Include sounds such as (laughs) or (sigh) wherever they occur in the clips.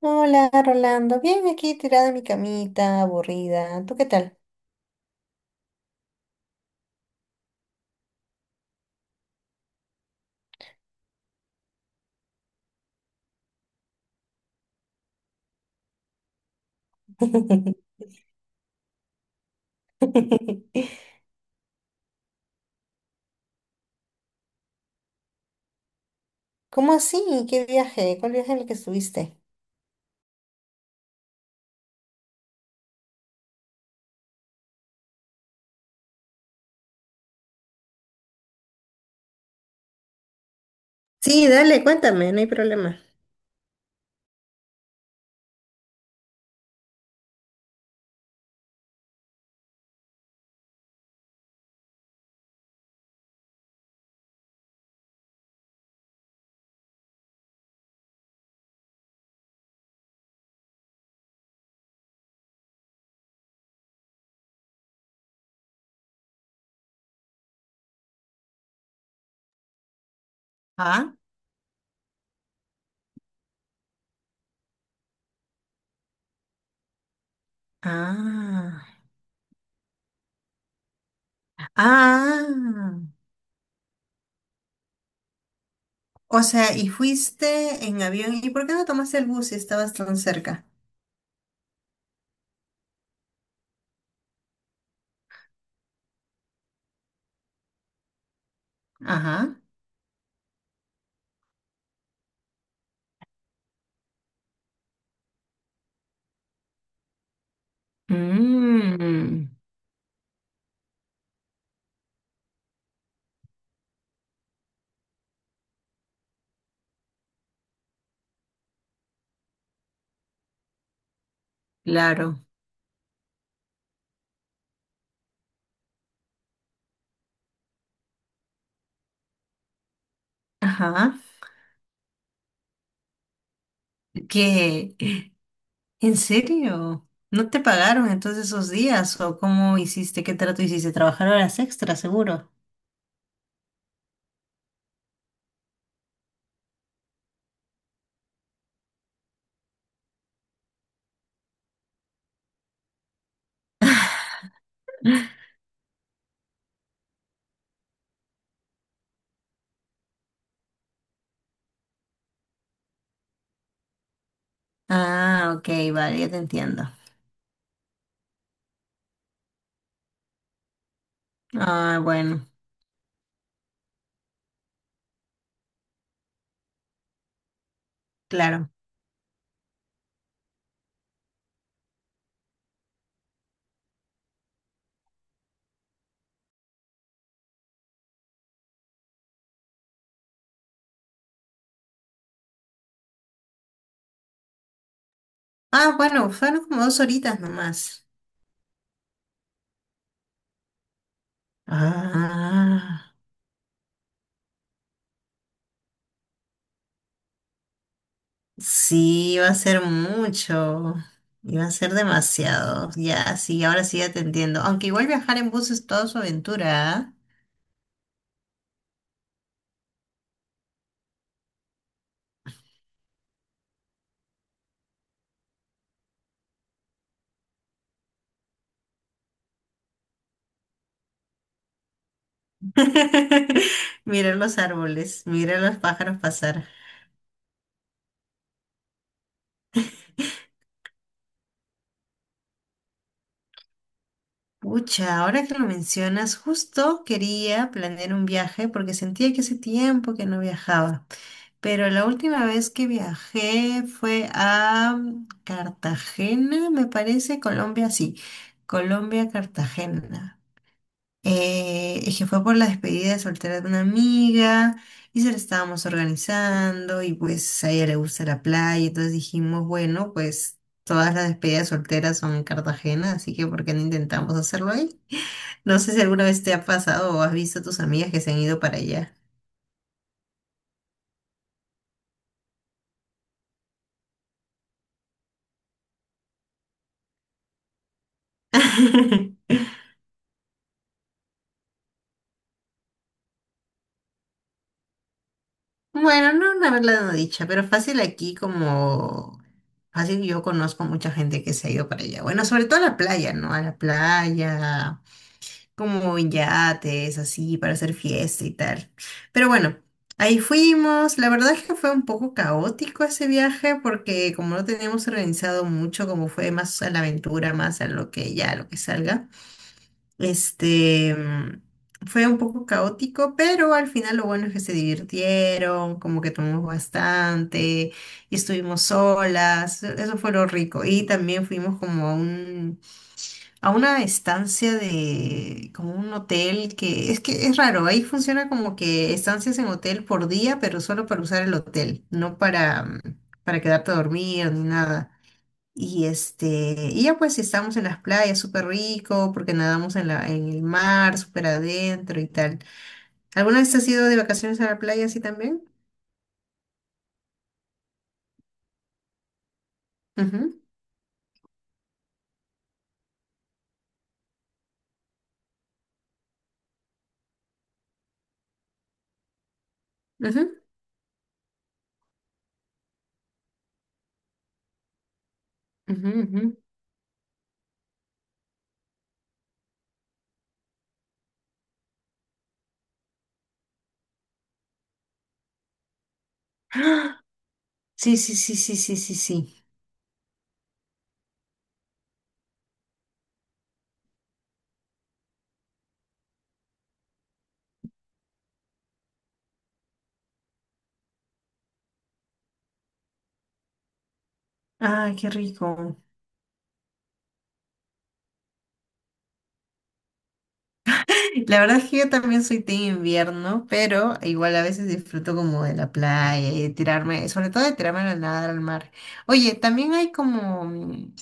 Hola, Rolando. Bien, aquí tirada en mi camita, aburrida. ¿Tú qué tal? (laughs) ¿Cómo así? ¿Qué viaje? ¿Cuál viaje en el que estuviste? Sí, dale, cuéntame, no hay problema. Ah, ah, ah. O sea, ¿y fuiste en avión? ¿Y por qué no tomaste el bus si estabas tan cerca? Ajá. Mm, claro. Ajá. ¿Qué? ¿En serio? ¿No te pagaron entonces esos días? ¿O cómo hiciste? ¿Qué trato hiciste? ¿Trabajar horas extras, seguro? Ah, ok, vale, ya te entiendo. Ah, bueno, claro. Ah, bueno, fueron como dos horitas nomás. Ah, sí, iba a ser mucho. Iba a ser demasiado. Ya, sí, ahora sí ya te entiendo. Aunque igual viajar en bus es toda su aventura, ¿ah? (laughs) Mirar los árboles, mirar los pájaros pasar. Pucha, ahora que lo mencionas, justo quería planear un viaje porque sentía que hace tiempo que no viajaba. Pero la última vez que viajé fue a Cartagena, me parece, Colombia, sí. Colombia, Cartagena. Es que fue por la despedida de soltera de una amiga y se la estábamos organizando y pues a ella le gusta la playa, entonces dijimos, bueno, pues todas las despedidas solteras son en Cartagena, así que ¿por qué no intentamos hacerlo ahí? (laughs) No sé si alguna vez te ha pasado o has visto a tus amigas que se han ido para allá. (laughs) Bueno, no una verdad no dicha, pero fácil aquí como fácil yo conozco mucha gente que se ha ido para allá. Bueno, sobre todo a la playa, ¿no? A la playa como en yates, así, para hacer fiesta y tal. Pero bueno, ahí fuimos. La verdad es que fue un poco caótico ese viaje porque como no teníamos organizado mucho, como fue más a la aventura, más a lo que ya, lo que salga, este, mm, fue un poco caótico, pero al final lo bueno es que se divirtieron, como que tomamos bastante y estuvimos solas. Eso fue lo rico. Y también fuimos como a un a una estancia de como un hotel que es raro, ahí funciona como que estancias en hotel por día, pero solo para usar el hotel, no para para quedarte a dormir ni nada. Y este, y ya pues estamos en las playas, súper rico, porque nadamos en la en el mar, súper adentro y tal. ¿Alguna vez has ido de vacaciones a la playa así también? Ujú, ujú, ujú, ujú. (gasps) Sí, sí, sí, sí, sí, sí, sí. Ay, qué rico. La verdad es que yo también soy team invierno, pero igual a veces disfruto como de la playa y de tirarme, sobre todo de tirarme a la nadar al mar. Oye, también hay como mm,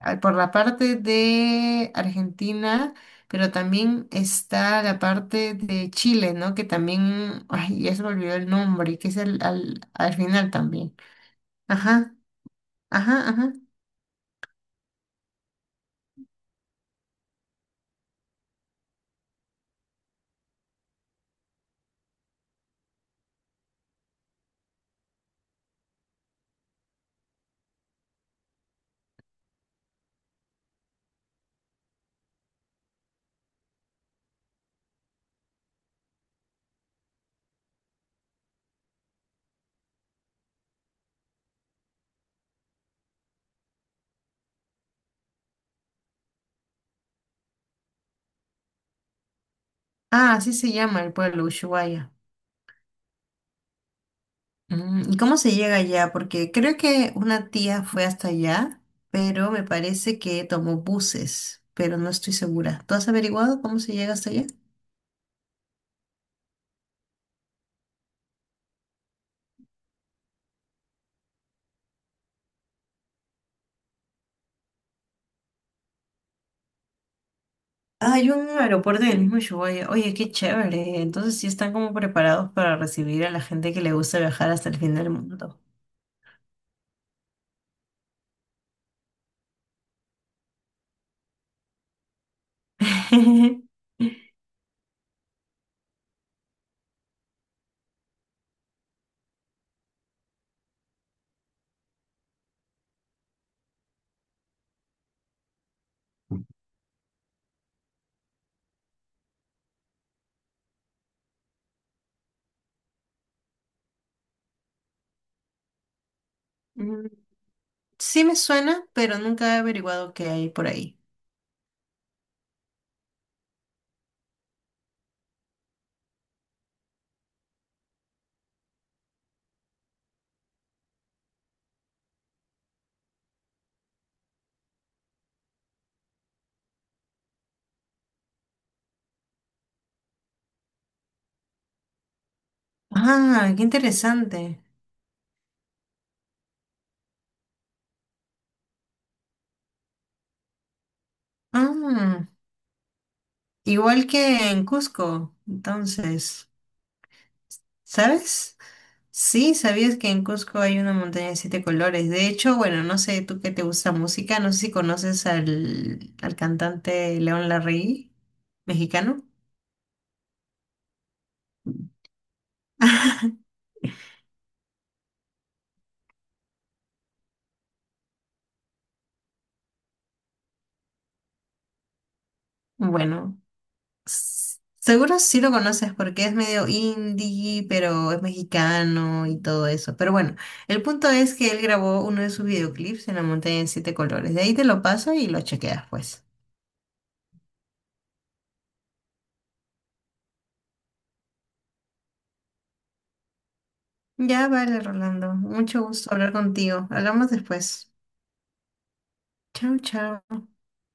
ah, por la parte de Argentina, pero también está la parte de Chile, ¿no? Que también, ay, ya se me olvidó el nombre, que es el, al, al final también. Ajá, ajá, ajá. Ah, así se llama el pueblo, Ushuaia. Mm, ¿y cómo se llega allá? Porque creo que una tía fue hasta allá, pero me parece que tomó buses, pero no estoy segura. ¿Tú has averiguado cómo se llega hasta allá? Ah, hay un aeropuerto del mismo Ushuaia. Oye, qué chévere. Entonces sí están como preparados para recibir a la gente que le gusta viajar hasta el fin del mundo. (laughs) Mm, sí me suena, pero nunca he averiguado qué hay por ahí. Ah, qué interesante. Ah, igual que en Cusco, entonces, ¿sabes? Sí, ¿sabías que en Cusco hay una montaña de 7 colores? De hecho, bueno, no sé, tú que te gusta música, no sé si conoces al, al cantante León Larregui, mexicano. (laughs) Bueno, seguro sí lo conoces porque es medio indie, pero es mexicano y todo eso. Pero bueno, el punto es que él grabó uno de sus videoclips en la montaña de siete colores. De ahí te lo paso y lo chequeas, pues. Ya vale, Rolando. Mucho gusto hablar contigo. Hablamos después. Chao, chao.